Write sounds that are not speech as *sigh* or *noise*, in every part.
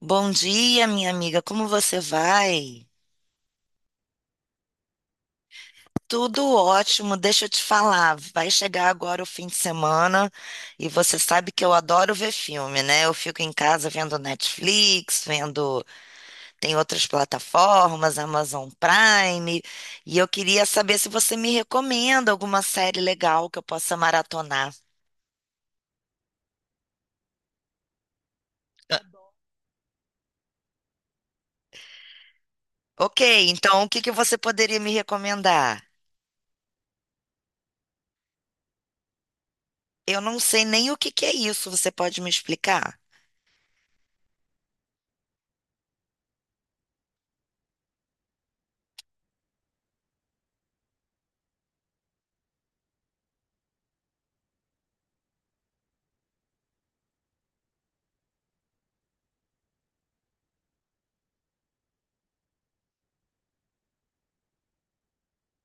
Bom dia, minha amiga. Como você vai? Tudo ótimo, deixa eu te falar. Vai chegar agora o fim de semana e você sabe que eu adoro ver filme, né? Eu fico em casa vendo Netflix, vendo. Tem outras plataformas, Amazon Prime, e eu queria saber se você me recomenda alguma série legal que eu possa maratonar. Ah, ok, então o que que você poderia me recomendar? Eu não sei nem o que que é isso, você pode me explicar?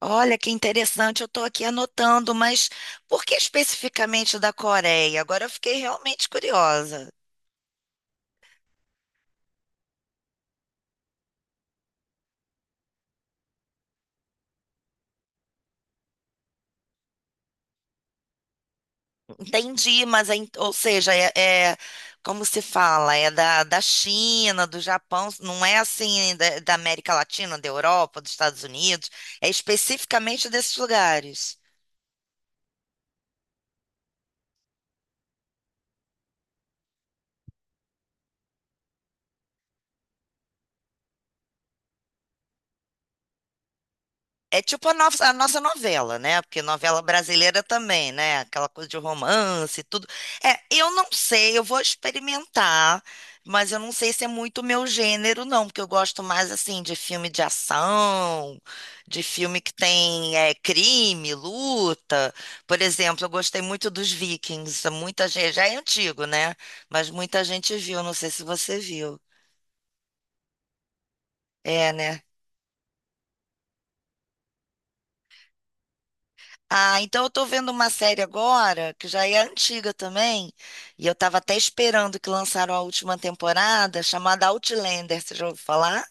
Olha que interessante, eu estou aqui anotando, mas por que especificamente da Coreia? Agora eu fiquei realmente curiosa. Entendi, mas, ou seja, é- como se fala, é da China, do Japão, não é assim da América Latina, da Europa, dos Estados Unidos, é especificamente desses lugares. É tipo a nossa novela, né? Porque novela brasileira também, né? Aquela coisa de romance e tudo. É, eu não sei, eu vou experimentar, mas eu não sei se é muito meu gênero, não, porque eu gosto mais, assim, de filme de ação, de filme que tem crime, luta. Por exemplo, eu gostei muito dos Vikings, muita gente, já é antigo, né? Mas muita gente viu, não sei se você viu. É, né? Ah, então eu tô vendo uma série agora, que já é antiga também, e eu tava até esperando que lançaram a última temporada, chamada Outlander, você já ouviu falar?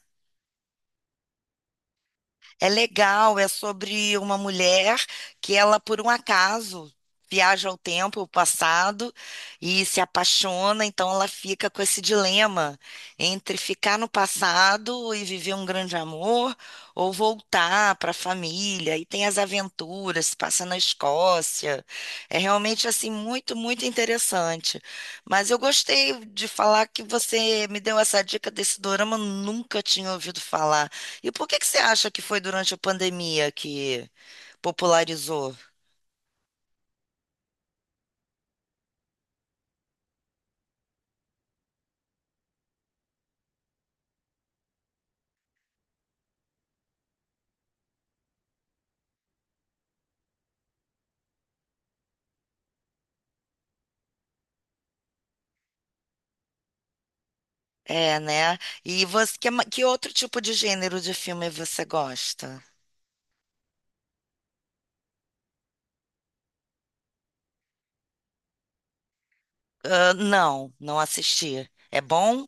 É legal, é sobre uma mulher que ela, por um acaso, viaja ao tempo, ao passado, e se apaixona, então ela fica com esse dilema entre ficar no passado e viver um grande amor, ou voltar para a família, e tem as aventuras, se passa na Escócia. É realmente, assim, muito, muito interessante. Mas eu gostei de falar que você me deu essa dica desse dorama, eu nunca tinha ouvido falar. E por que que você acha que foi durante a pandemia que popularizou? É, né? E você, que outro tipo de gênero de filme você gosta? Ah, não, não assisti. É bom?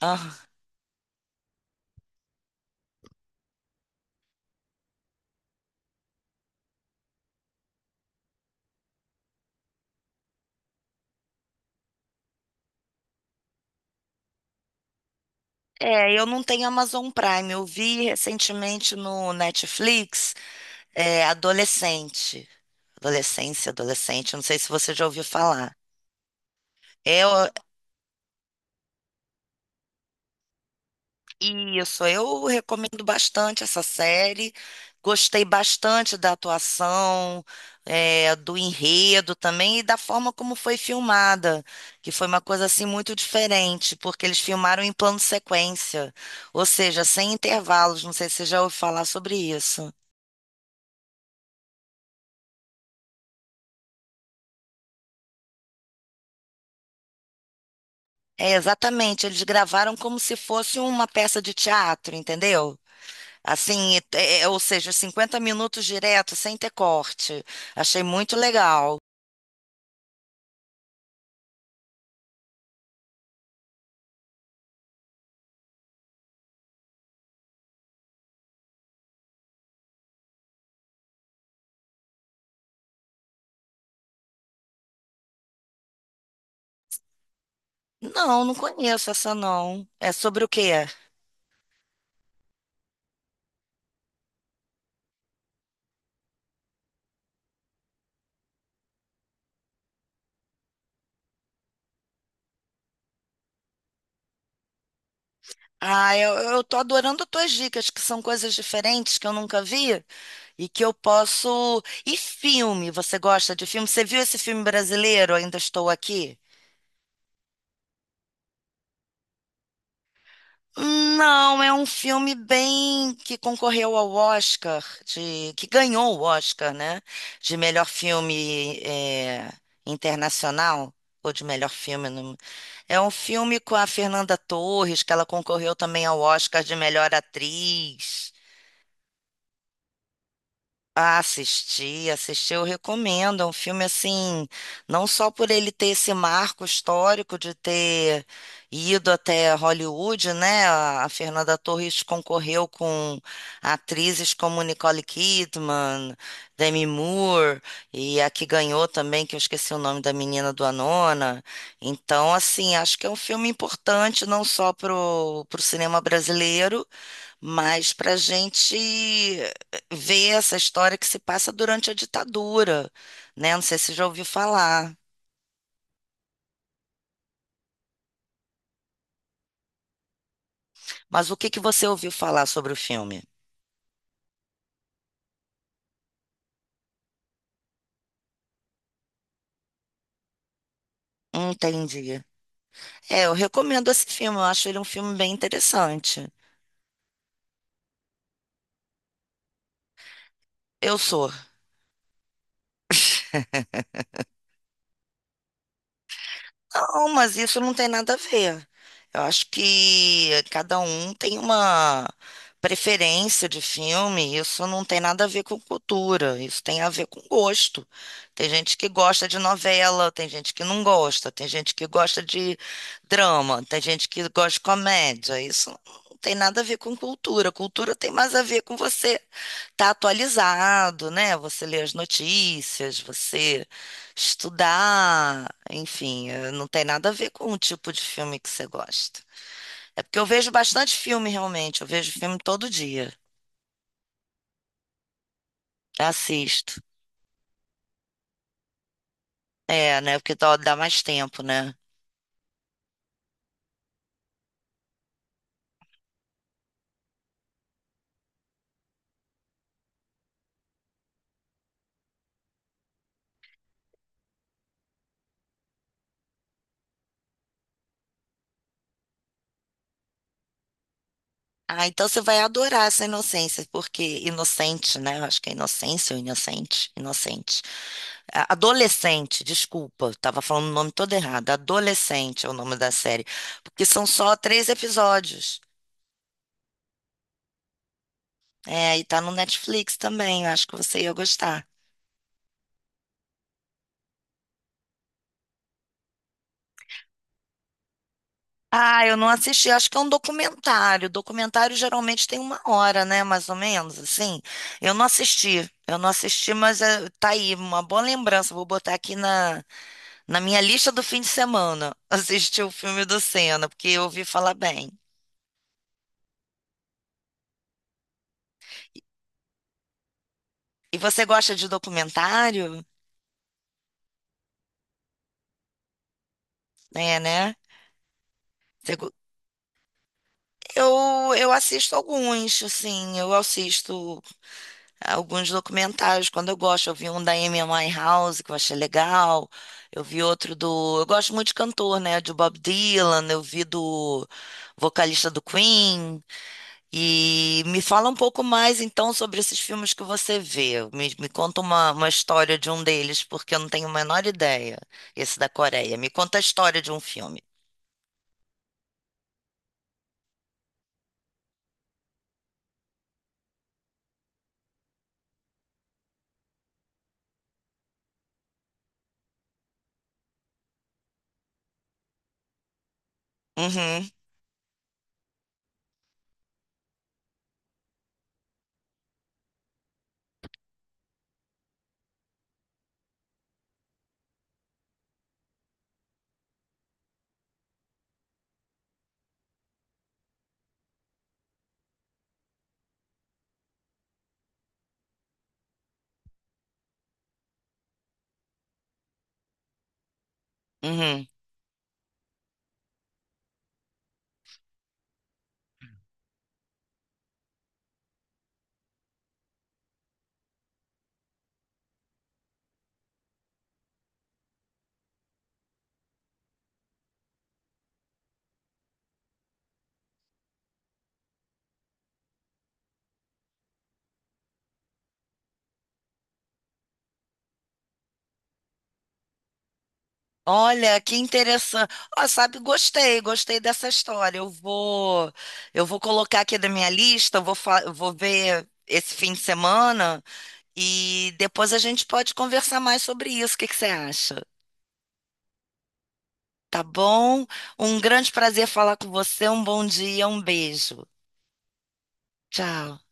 Ah, eu não tenho Amazon Prime. Eu vi recentemente no Netflix, Adolescente. Adolescente. Não sei se você já ouviu falar. É, isso, eu recomendo bastante essa série. Gostei bastante da atuação, do enredo também e da forma como foi filmada, que foi uma coisa assim muito diferente, porque eles filmaram em plano sequência, ou seja, sem intervalos. Não sei se você já ouviu falar sobre isso. É, exatamente, eles gravaram como se fosse uma peça de teatro, entendeu? Assim, ou seja, 50 minutos direto, sem ter corte. Achei muito legal. Não, não conheço essa não. É sobre o quê? Ah, eu tô adorando as tuas dicas, que são coisas diferentes que eu nunca vi e que eu posso. E filme? Você gosta de filme? Você viu esse filme brasileiro? Ainda Estou Aqui? Não, é um filme bem que concorreu ao Oscar, que ganhou o Oscar, né? De melhor filme internacional ou de melhor filme. É um filme com a Fernanda Torres, que ela concorreu também ao Oscar de melhor atriz. Ah, assisti, assisti, eu recomendo. É um filme assim, não só por ele ter esse marco histórico de ter ido até Hollywood, né? A Fernanda Torres concorreu com atrizes como Nicole Kidman, Demi Moore, e a que ganhou também, que eu esqueci o nome da menina do Anona. Então, assim, acho que é um filme importante não só pro cinema brasileiro, mas para a gente ver essa história que se passa durante a ditadura, né? Não sei se já ouviu falar, mas o que que você ouviu falar sobre o filme? Entendi. É, eu recomendo esse filme, eu acho ele um filme bem interessante. Eu sou. Não, mas isso não tem nada a ver. Eu acho que cada um tem uma preferência de filme, isso não tem nada a ver com cultura, isso tem a ver com gosto. Tem gente que gosta de novela, tem gente que não gosta, tem gente que gosta de drama, tem gente que gosta de comédia. Isso não tem nada a ver com cultura. Cultura tem mais a ver com você tá atualizado, né? Você lê as notícias, você estudar, enfim, não tem nada a ver com o tipo de filme que você gosta. É porque eu vejo bastante filme realmente, eu vejo filme todo dia, assisto. É, né? Porque dá mais tempo, né? Ah, então você vai adorar essa inocência, porque inocente, né? Eu acho que é inocência ou inocente, inocente. Adolescente, desculpa, estava falando o nome todo errado. Adolescente é o nome da série, porque são só três episódios. É, e tá no Netflix também, eu acho que você ia gostar. Ah, eu não assisti, acho que é um documentário. Documentário geralmente tem uma hora, né? Mais ou menos, assim. Eu não assisti, mas tá aí, uma boa lembrança. Vou botar aqui na minha lista do fim de semana, *laughs* assistir o filme do Senna, porque eu ouvi falar bem. E você gosta de documentário? É, né? Segu- eu assisto alguns, assim, eu assisto alguns documentários quando eu gosto. Eu vi um da Amy House que eu achei legal. Eu vi outro do. Eu gosto muito de cantor, né? De Bob Dylan, eu vi do vocalista do Queen. E me fala um pouco mais, então, sobre esses filmes que você vê. Me conta uma história de um deles, porque eu não tenho a menor ideia. Esse da Coreia. Me conta a história de um filme. Uhum, uhum. Olha, que interessante. Ó, sabe, gostei, gostei dessa história. Eu vou colocar aqui na minha lista, eu vou ver esse fim de semana e depois a gente pode conversar mais sobre isso. O que que você acha? Tá bom? Um grande prazer falar com você. Um bom dia, um beijo. Tchau.